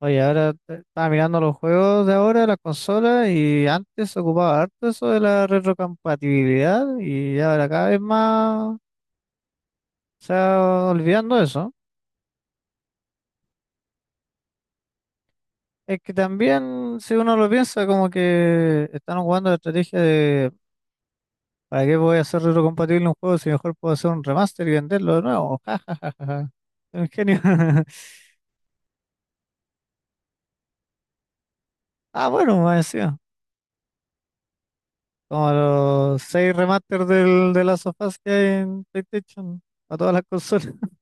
Oye, ahora estaba mirando los juegos de ahora, las consolas, y antes se ocupaba harto eso de la retrocompatibilidad, y ya ahora cada vez más se va olvidando eso. Es que también, si uno lo piensa, como que están jugando la estrategia de ¿para qué voy a hacer retrocompatible un juego si mejor puedo hacer un remaster y venderlo de nuevo? Ja, ja, un genio. Ah, bueno, me decía. Como los seis remasters del, de las sofás que hay en PlayStation, a todas las consolas.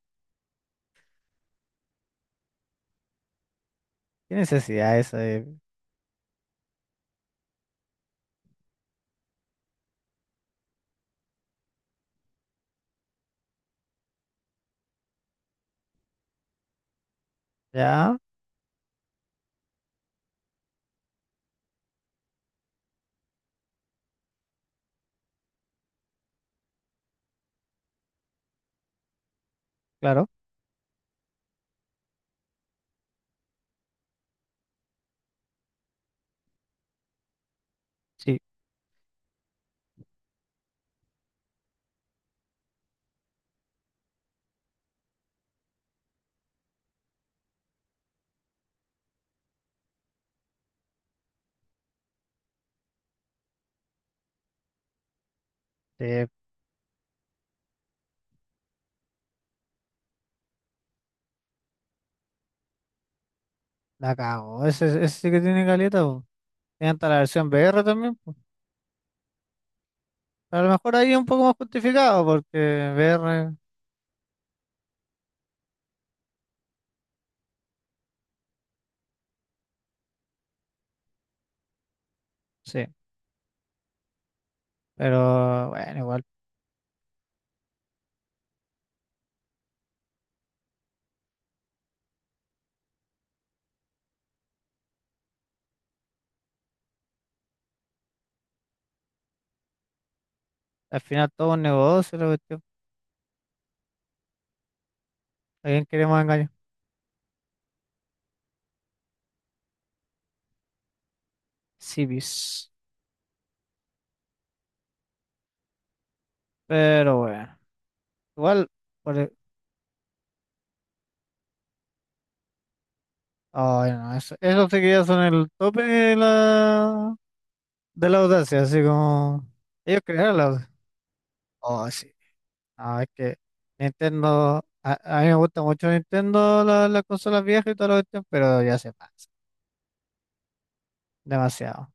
¿Qué necesidad esa? Ya, claro, sí, eh, la cago. Ese sí que tiene caleta, po. Tiene hasta la versión VR también, po. A lo mejor ahí es un poco más justificado, porque VR, sí, pero bueno, igual. Al final todo es un negocio, la cuestión. ¿A quién queremos engañar? Civis. Pero bueno, igual, por el- ay, no, eso sí que ya son el tope de la audacia, así como ellos crearon la audacia. Oh, sí. No, es que Nintendo, a mí me gusta mucho Nintendo, las consolas viejas y toda la cuestión, pero ya se pasa, demasiado.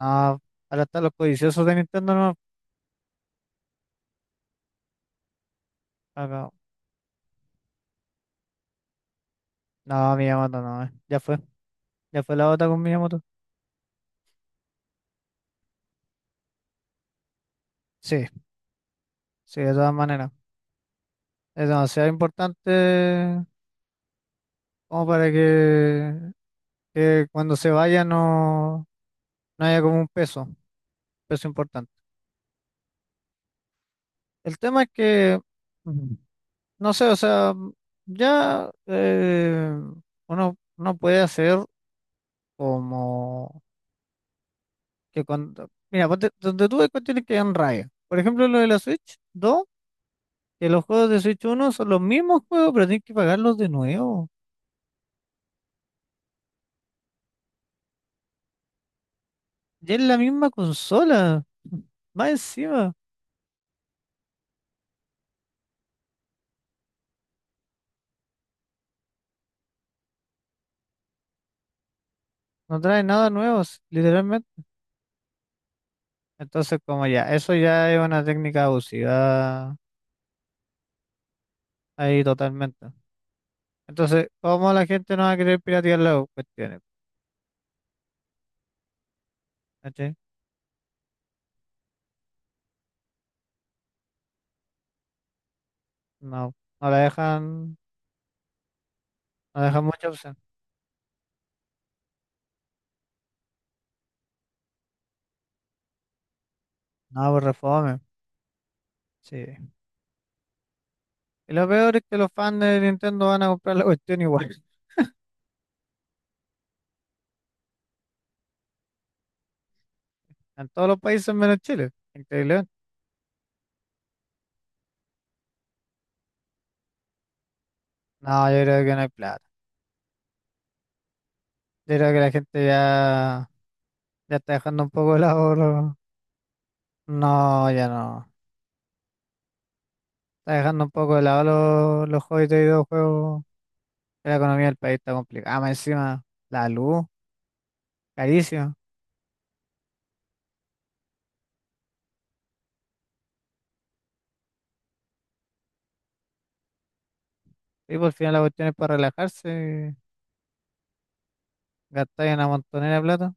No, ahora están los codiciosos de Nintendo, no, acá- no, Miyamoto no. Ya fue la otra con Miyamoto. Sí, sí, de todas maneras, es demasiado importante como para que cuando se vaya no, no haya como un peso, peso importante. El tema es que no sé, o sea, ya uno puede hacer como que. Mira, donde tú ves cuestiones que dan raya. Por ejemplo, lo de la Switch 2, que los juegos de Switch 1 son los mismos juegos, pero tienes que pagarlos de nuevo. Ya es la misma consola. Más encima, no trae nada nuevo, literalmente. Entonces, como ya, eso ya es una técnica abusiva ahí totalmente. Entonces, ¿cómo la gente no va a querer piratear las cuestiones? No, no la dejan, no dejan mucha opción. No, por refome. Sí. Y lo peor es que los fans de Nintendo van a comprar la cuestión igual. En todos los países menos Chile. Increíble. No, yo creo que no hay plata. Yo creo que la gente ya, ya está dejando un poco de lado. No, ya no. Está dejando un poco de lado los hobbies de videojuegos. La economía del país está complicada. Ah, más encima, la luz, carísima. Y por fin la cuestión es para relajarse. Gastar una montonera de plata.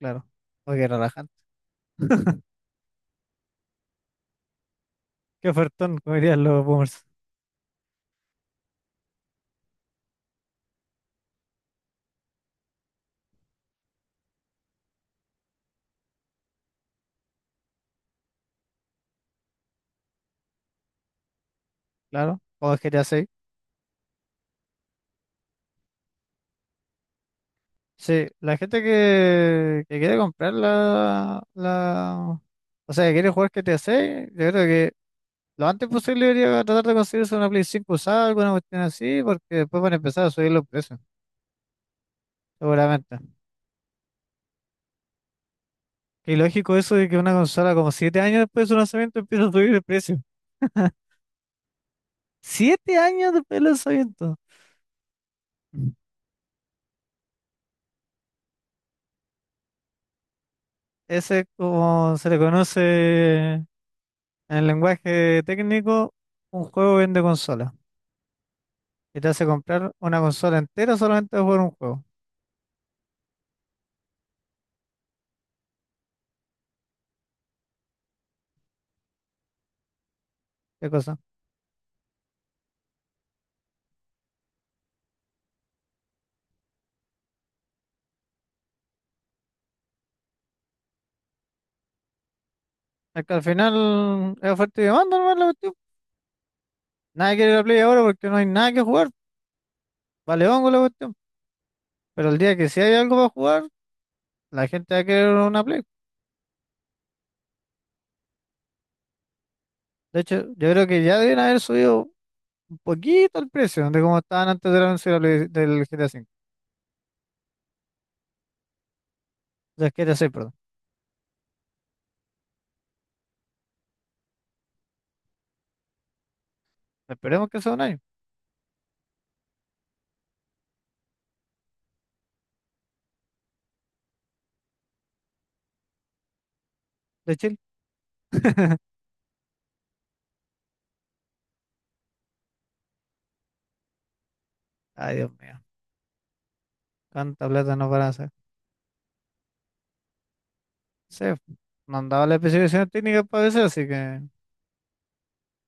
Claro. Porque relajarse. Qué ofertón, como dirían los boomers. Claro, o el GTA 6. Sí, la gente que quiere comprar. O sea, que quiere jugar GTA 6, yo creo que lo antes posible debería tratar de conseguirse una Play 5 usada, alguna cuestión así, porque después van a empezar a subir los precios, seguramente. Qué ilógico eso de que una consola como 7 años después de su lanzamiento empieza a subir el precio. 7 años después del lanzamiento. Mm. Ese es como se le conoce en el lenguaje técnico, un juego vende consola y te hace comprar una consola entera solamente por un juego. ¿Qué cosa? Es que al final es oferta y demanda, nomás la cuestión. Nadie quiere la Play ahora porque no hay nada que jugar. Vale hongo la cuestión. Pero el día que sí hay algo para jugar, la gente va a querer una Play. De hecho, yo creo que ya deben haber subido un poquito el precio de cómo estaban antes del anuncio de la del GTA 5. Del GTA 6, perdón. Esperemos que sea un año de Chile. Ay, Dios mío. ¿Cuánta plata nos van a hacer? Sí, mandaba las especificaciones técnicas para PC, así que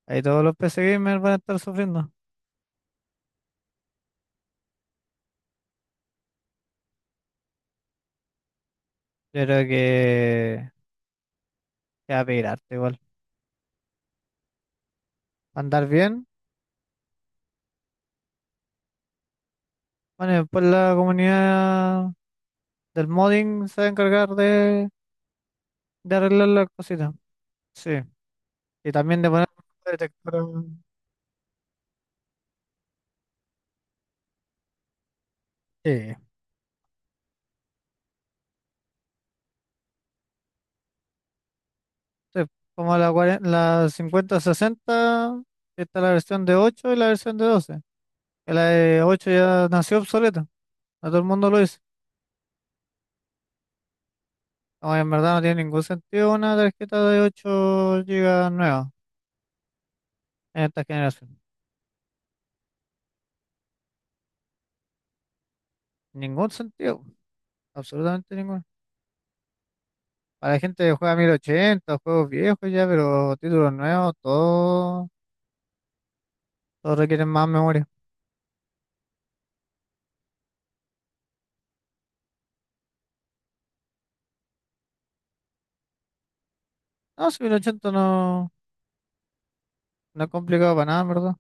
ahí todos los PC gamers van a estar sufriendo. Yo creo que va a pedir harto igual. Va a andar bien. Bueno, y después la comunidad del modding se va a encargar de arreglar las cositas. Sí. Y también de poner detector. Sí. Sí, como la, la 5060, está la versión de 8 y la versión de 12. Que la de 8 ya nació obsoleta. A todo el mundo lo dice. O en verdad no tiene ningún sentido una tarjeta de 8 gigas nueva en esta generación. Ningún sentido, absolutamente ninguno. Para la gente que juega 1080 juegos viejos ya, pero títulos nuevos, todo, todo requieren más memoria. No, si 1080 no, no es complicado para nada, en verdad.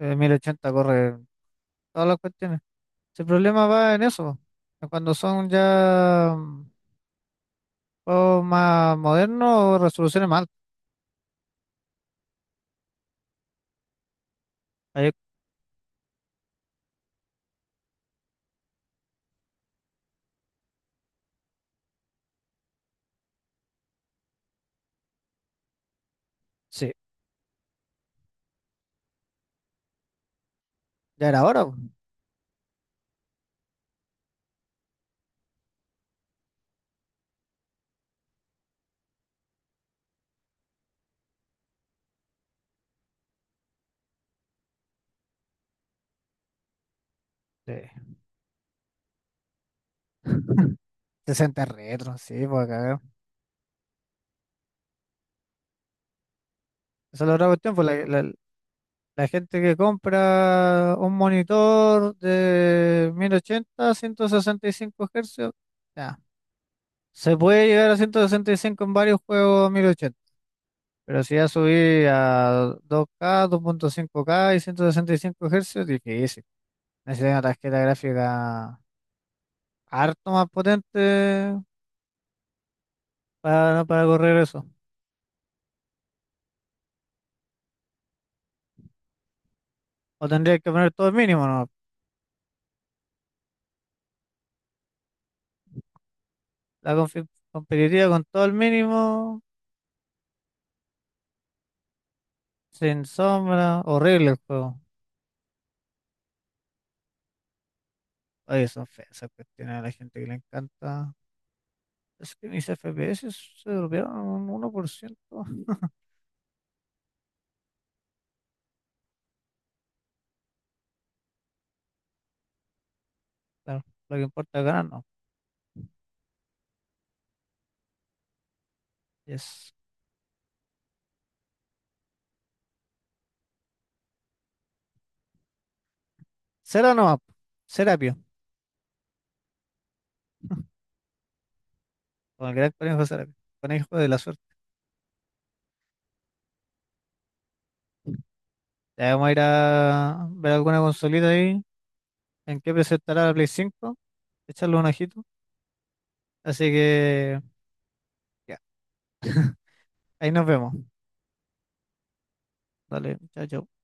1080 corre todas las cuestiones. Si el problema va en eso, en cuando son ya juegos más modernos o resoluciones más altas. Ahí- sí, ya era hora, po. Sí. 60 retro, sí, pues cagar. Esa es la otra cuestión, pues la gente que compra un monitor de 1080, 165 Hz, ya, se puede llegar a 165 en varios juegos 1080, pero si ya subí a 2K, 2.5K y 165 Hz, difícil. Necesitas una tarjeta gráfica harto más potente para correr eso. O tendrías que poner todo el mínimo, ¿no? La competitiva con todo el mínimo. Sin sombra, horrible el juego. Oye, son feas esas cuestiones a la gente que le encanta. Es que mis FPS se dropearon un 1%. Claro, lo que importa es ganar, no. Yes. Cera nomás, po. Serapio. Con el gran conejo Serapio. Conejo de la suerte. Ya vamos a ir a ver alguna consolita ahí, en qué presentará la Play 5. Echarle un ojito. Así que, ya. Ahí nos vemos. Dale, chao, chao.